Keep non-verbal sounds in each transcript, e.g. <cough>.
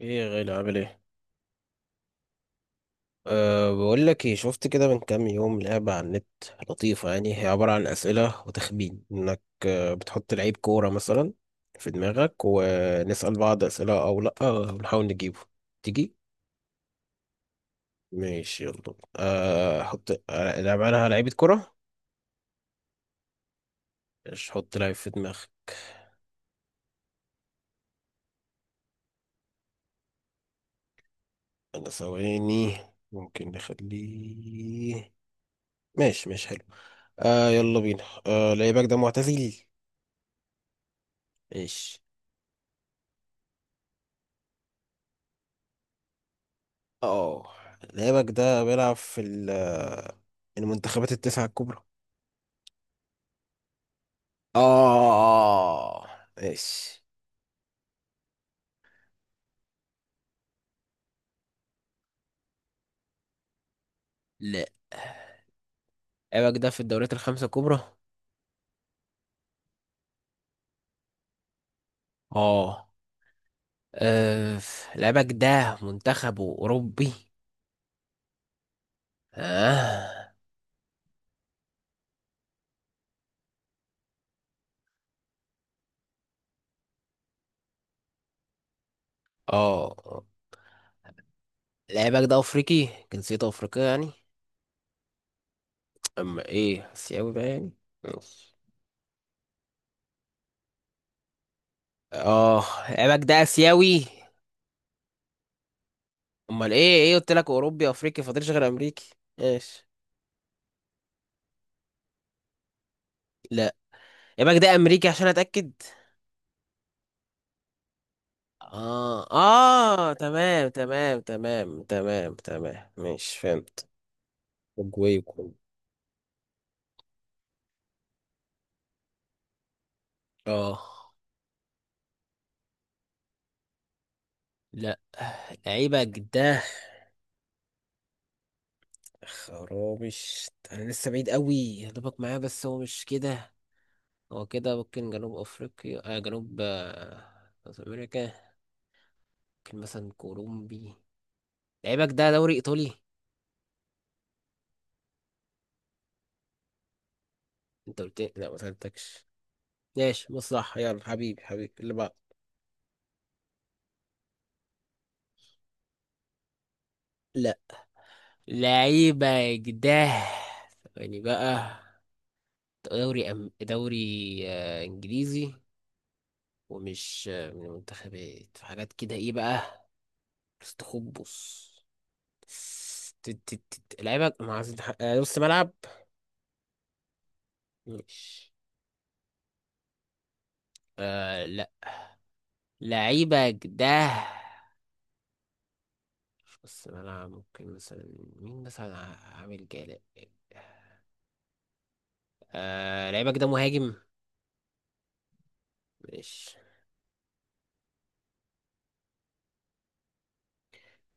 ايه يا غالي، عامل ايه؟ أه، بقول لك ايه، شفت كده من كام يوم لعبة على النت لطيفة، يعني هي عبارة عن أسئلة وتخمين انك بتحط لعيب كورة مثلا في دماغك ونسأل بعض أسئلة او لا ونحاول نجيبه. تيجي؟ ماشي يلا أه حط، نلعب عليها لعيبة كورة. مش حط لعيب في دماغك. انا ثواني، ممكن نخليه. ماشي ماشي، حلو. أه يلا بينا. أه لعيبك ده معتزل؟ ماشي. اه لعيبك ده بيلعب في المنتخبات التسعة الكبرى؟ اه، ماشي. لا لعيبك ده في الدوريات الخمسة الكبرى؟ اه. آه، لعيبك ده منتخبه أوروبي؟ اه. اه لعيبك ده أفريقي، جنسيته أفريقية يعني؟ أما إيه، آسيوي بقى يعني؟ ماشي. اه لعيبك ده آسيوي؟ أمال إيه، قلت لك أوروبي أفريقي، فاضلش غير أمريكي. ماشي. لا يبقى ده امريكي عشان اتاكد. اه اه تمام تمام تمام تمام تمام، ماشي فهمت. اوروجواي وكولومبيا. اه لا، لعيبه ده خرابش، انا لسه بعيد قوي هضربك معاه، بس هو مش كده. هو كده ممكن جنوب افريقيا، جنوب، ساوث امريكا. ممكن مثلا كولومبي. لعيبك ده دوري ايطالي؟ انت قلت لي؟ لا ما سالتكش. ماشي مصلحة، يلا حبيبي حبيبي اللي بعد. لا لعيبة جداه يعني بقى، دوري إنجليزي، ومش من المنتخبات، في حاجات كده إيه بقى؟ استخبص. ت- ت- ت- لعيبة ما عايز نص ملعب، مش لا. لعيبة جداه مش نص ملعب، ممكن مثلا مين مثلا، عامل جالا. لعيبة جداه مهاجم، مش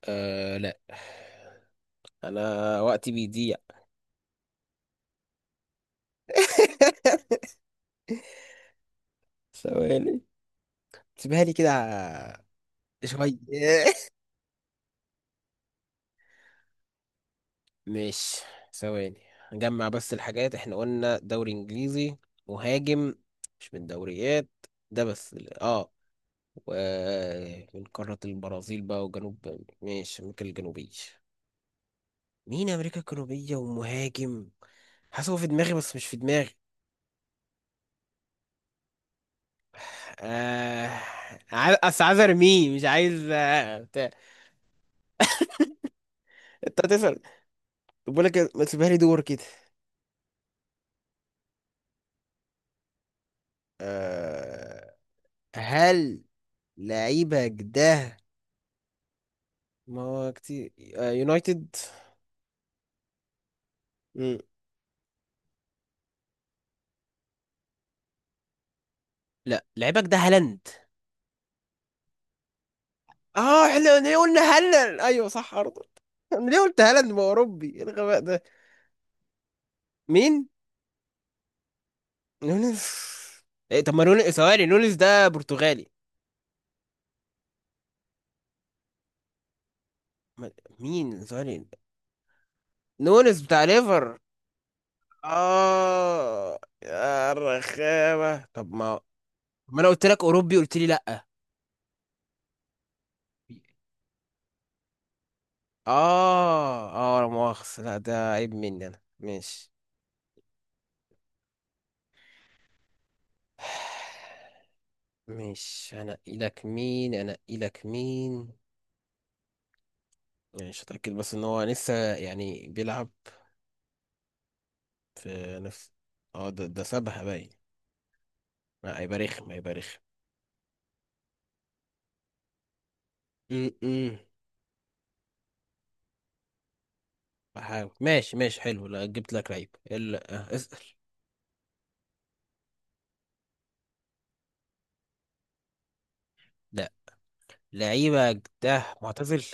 لا. أنا وقتي بيضيع. <laughs> ثواني، سيبها لي كده شوية. <laughs> ماشي، ثواني، نجمع بس الحاجات. احنا قلنا دوري انجليزي، مهاجم، مش من الدوريات ده، بس ومن قارة البرازيل بقى، وجنوب، ماشي امريكا الجنوبية. مين امريكا الجنوبية ومهاجم، حاسس هو في دماغي بس مش في دماغي. آه عايز، اصل عايز ارميه، مش عايز بتاع. انت هتسأل. طب بقول لك ما تسيبها لي دور كده. آه، هل لعيبك ده، ما هو كتير، يونايتد؟ مم. لا لعيبك ده هالاند. اه احنا ليه قلنا هالاند، ايوه صح ارض. انا ليه قلت هالاند، ما هو اوروبي، ايه الغباء ده؟ مين؟ نونس؟ إيه طب ما نونس، ثواني، نونس ده برتغالي. ما- مين؟ ثواني، نونس بتاع ليفر. اه يا رخامه، طب ما انا قلت لك اوروبي قلت لي لا. اه اه لا مؤاخذة، لا ده عيب مني انا، ماشي. <sighs> مش هنقي لك، مين هنقي لك، مين؟ يعني مش هتأكد بس ان هو لسه يعني بيلعب في نفس. اه ده سابها باين، ما هيبقى رخم هيبقى رخم. م- م. بحاول ماشي ماشي، حلو. لا جبت لك لعيب، لا اسأل. لا لعيبك ده معتزل؟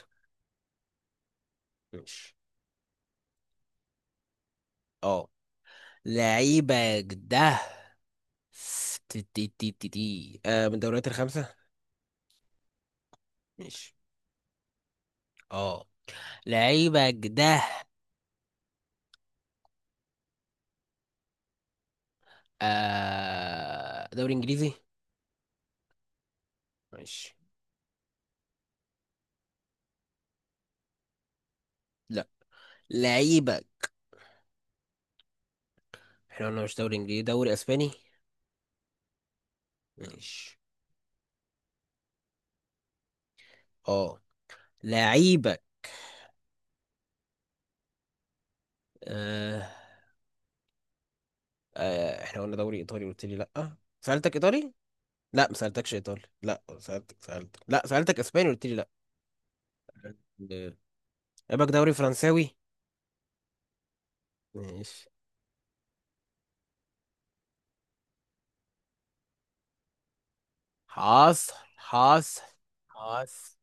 مش اه لعيبك ده تي تي تي تي تي. من الدوريات الخمسة؟ مش اه لعيبك ده دوري انجليزي؟ ماشي. لا لعيبك، احنا قلنا مش دوري انجليزي، دوري اسباني؟ ماشي. اه لعيبك آه. احنا قلنا دوري ايطالي قلت لي لا، سألتك ايطالي؟ لا ما سألتكش ايطالي، لا سألتك، لا سألتك اسباني قلت لي لا. آه، لعيبك دوري فرنساوي؟ ماشي حاصل حاصل حاصل.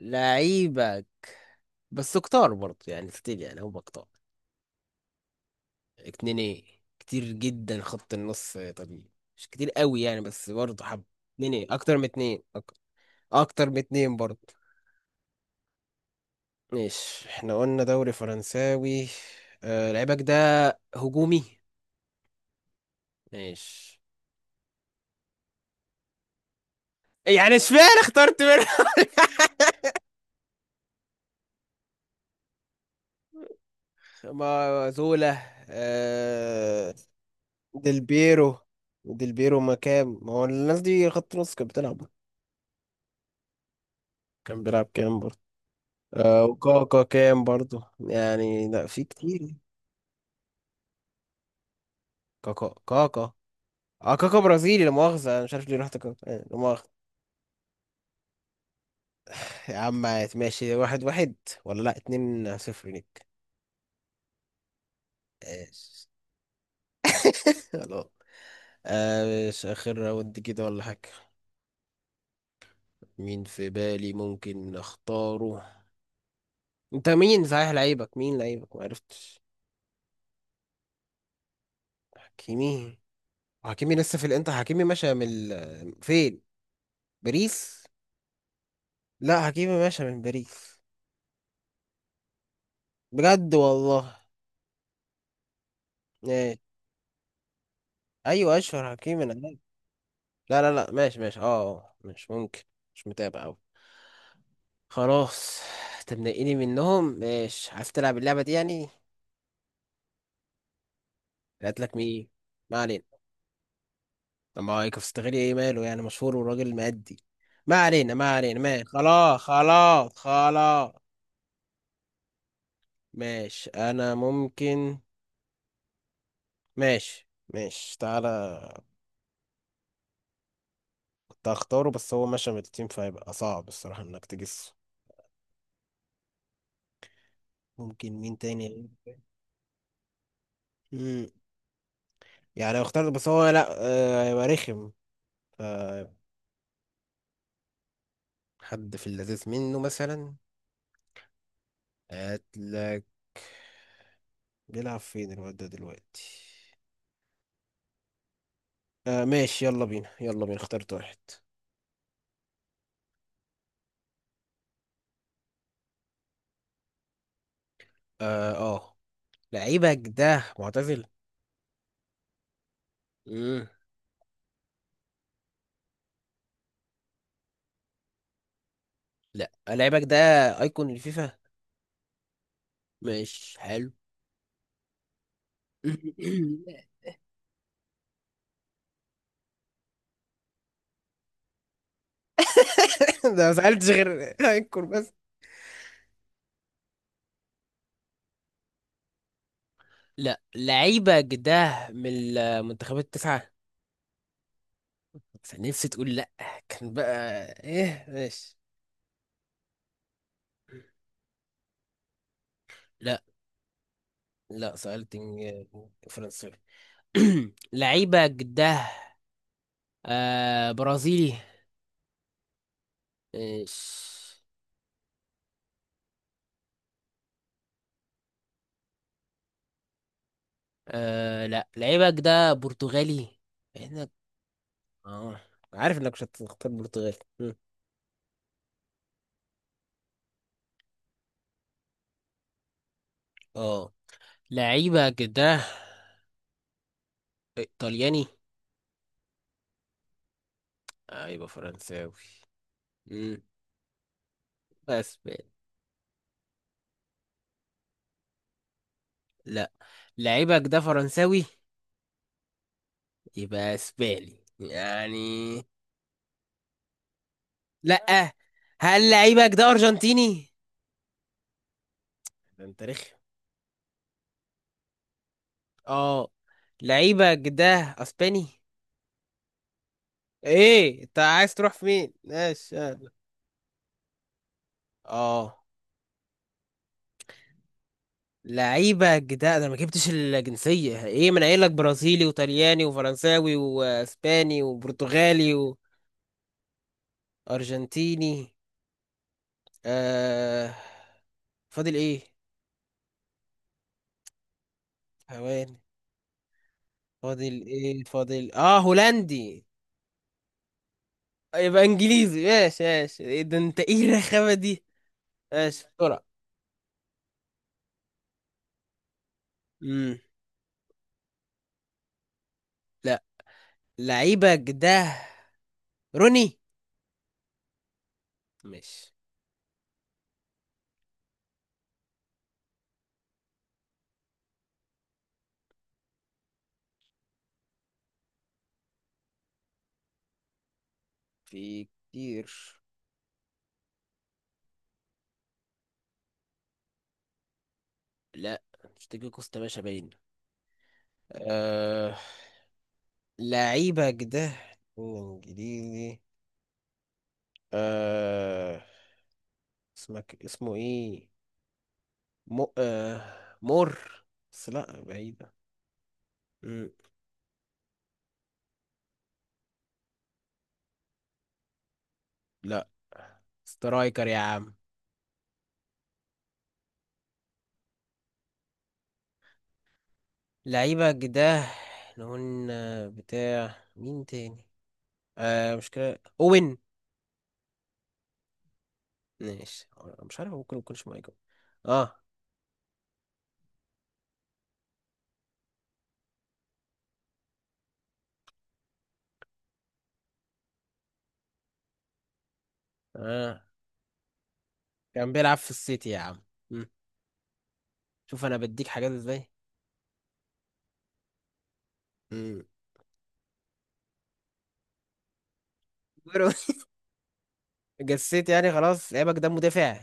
لعيبك، بس كتار برضه يعني ستيل، يعني هم كتار. اتنين ايه؟ كتير جدا خط النص طبيعي، مش كتير قوي يعني، بس برضه حب. اتنين ايه؟ اكتر من اتنين، اكتر من اتنين برضه. ماشي احنا قلنا دوري فرنساوي، آه لعيبك ده هجومي. ماشي. يعني اشمعنى اخترت منها؟ <laughs> ما زولا؟ آه، ديل بيرو. ديل بيرو، ما كام، ما هو الناس دي خط نص كانت بتلعب. كان بيلعب كام برضه. آه وكاكا كام برضه يعني، لا في كتير. كاكا. اه كاكا برازيلي، لا مؤاخذة، انا مش عارف ليه رحت كاكا، لا مؤاخذة. يا عم ماشي، 1-1. ولا لا، 2-0 ليك. ايش؟ <laughs> خلاص. آه، مش اخر راوند كده ولا حاجة؟ مين في بالي ممكن اختاره؟ انت مين صحيح، لعيبك مين، لعيبك ما عرفتش. حكيمي؟ حكيمي لسه في الانتر، حكيمي ماشي من فين؟ باريس؟ لا حكيمي ماشي من باريس. بجد والله. آه، ايوه اشهر حكيمي انا. لا لا لا، ماشي ماشي، اه مش ممكن، مش متابع أوي. خلاص. تبنقيني منهم؟ ماشي، عايز تلعب اللعبة دي يعني. لقيت لك مين؟ ما علينا. طب ما هو كفتغيري، ايه ماله يعني، مشهور وراجل مأدي. ما علينا ما علينا، ماشي خلاص خلاص خلاص. ماشي انا ممكن. ماشي، ماشي تعالى. كنت هختاره بس هو مشى من التيم، فهيبقى صعب الصراحة انك تجس. ممكن مين تاني؟ مم. يعني اختار بس هو لا، هيبقى رخم. حد في اللذيذ منه مثلا. هاتلك. بيلعب فين الواد ده دلوقتي؟ آه ماشي، يلا بينا يلا بينا، اخترت واحد. اه. اه لعيبك ده معتزل؟ مم. لا لعيبك ده ايكون الفيفا. ماشي حلو. <coughs> <laughs> ده ما سألتش غير ايكون بس. لا لعيبك ده من المنتخبات التسعة، بس أنا نفسي تقول لا كان، بقى ايه، ماشي. لا لا، فرنسا. <clears throat> لعيبة جده آه برازيلي؟ إيش. آه لا لعيبة جده برتغالي، احنا اه عارف انك مش هتختار برتغالي. مم. اه لعيبة جده ايطالياني؟ آه يبقى فرنساوي. مم. يبقى اسباني. لا لعيبة جده فرنساوي، يبقى اسباني يعني. لا. هل لعيبك ده ارجنتيني؟ ده انت رخم. اه لعيبك ده اسباني. ايه انت عايز تروح فين، ماشي يلا. اه لعيبة جداد، انا ما جبتش الجنسية، ايه من قايل لك برازيلي وطلياني وفرنساوي واسباني وبرتغالي وارجنتيني. آه فاضل ايه؟ ثواني، فاضل ايه، فاضل اه هولندي؟ يبقى انجليزي، ماشي ماشي إيه ده، انت ايه الرخامة دي؟ ماشي بسرعة. امم. لا لعيبة جداد روني. ماشي. في كتير. لا مش تيجي كوستا، باشا باين. آه... لعيبك ده انجليزي. آه... اسمك، اسمه ايه، مر، بس لا بعيدة. مم. لا سترايكر يا عم. لعيبك ده، احنا قلنا بتاع مين تاني؟ آه مش كده اوين. ماشي مش عارف، ممكن يكونش مايكل. اه. اه كان بيلعب في السيتي يا عم. مم. شوف انا بديك حاجات ازاي. مم. <laughs> جسيت يعني خلاص. لعيبك ده مدافع؟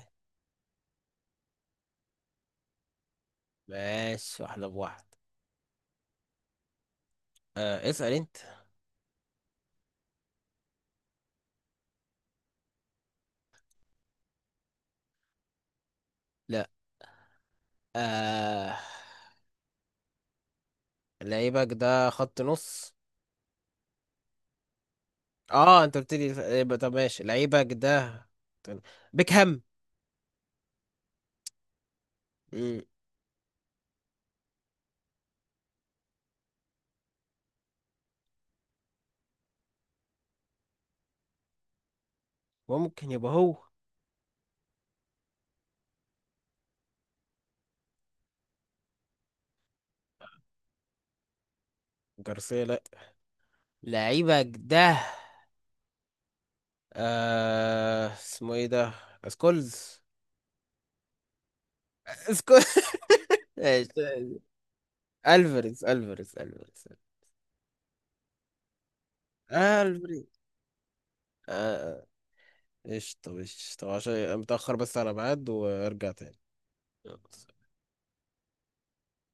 ماشي واحدة بواحد. آه اسأل انت. لا. آه لعيبك ده خط نص. اه انت قلت لي، يبقى طب ماشي. لعيبك ده بيكهام؟ مم، ممكن يبقى هو. جارسيا؟ لا. لعيبك ده، اسمه ايه ده، سكولز؟ <laughs> سكولز. ماشي. الفاريز، الفاريز، الفاريز، الفاريز. قشطة قشطة، عشان متأخر بس على ميعاد، وارجع تاني. يلا.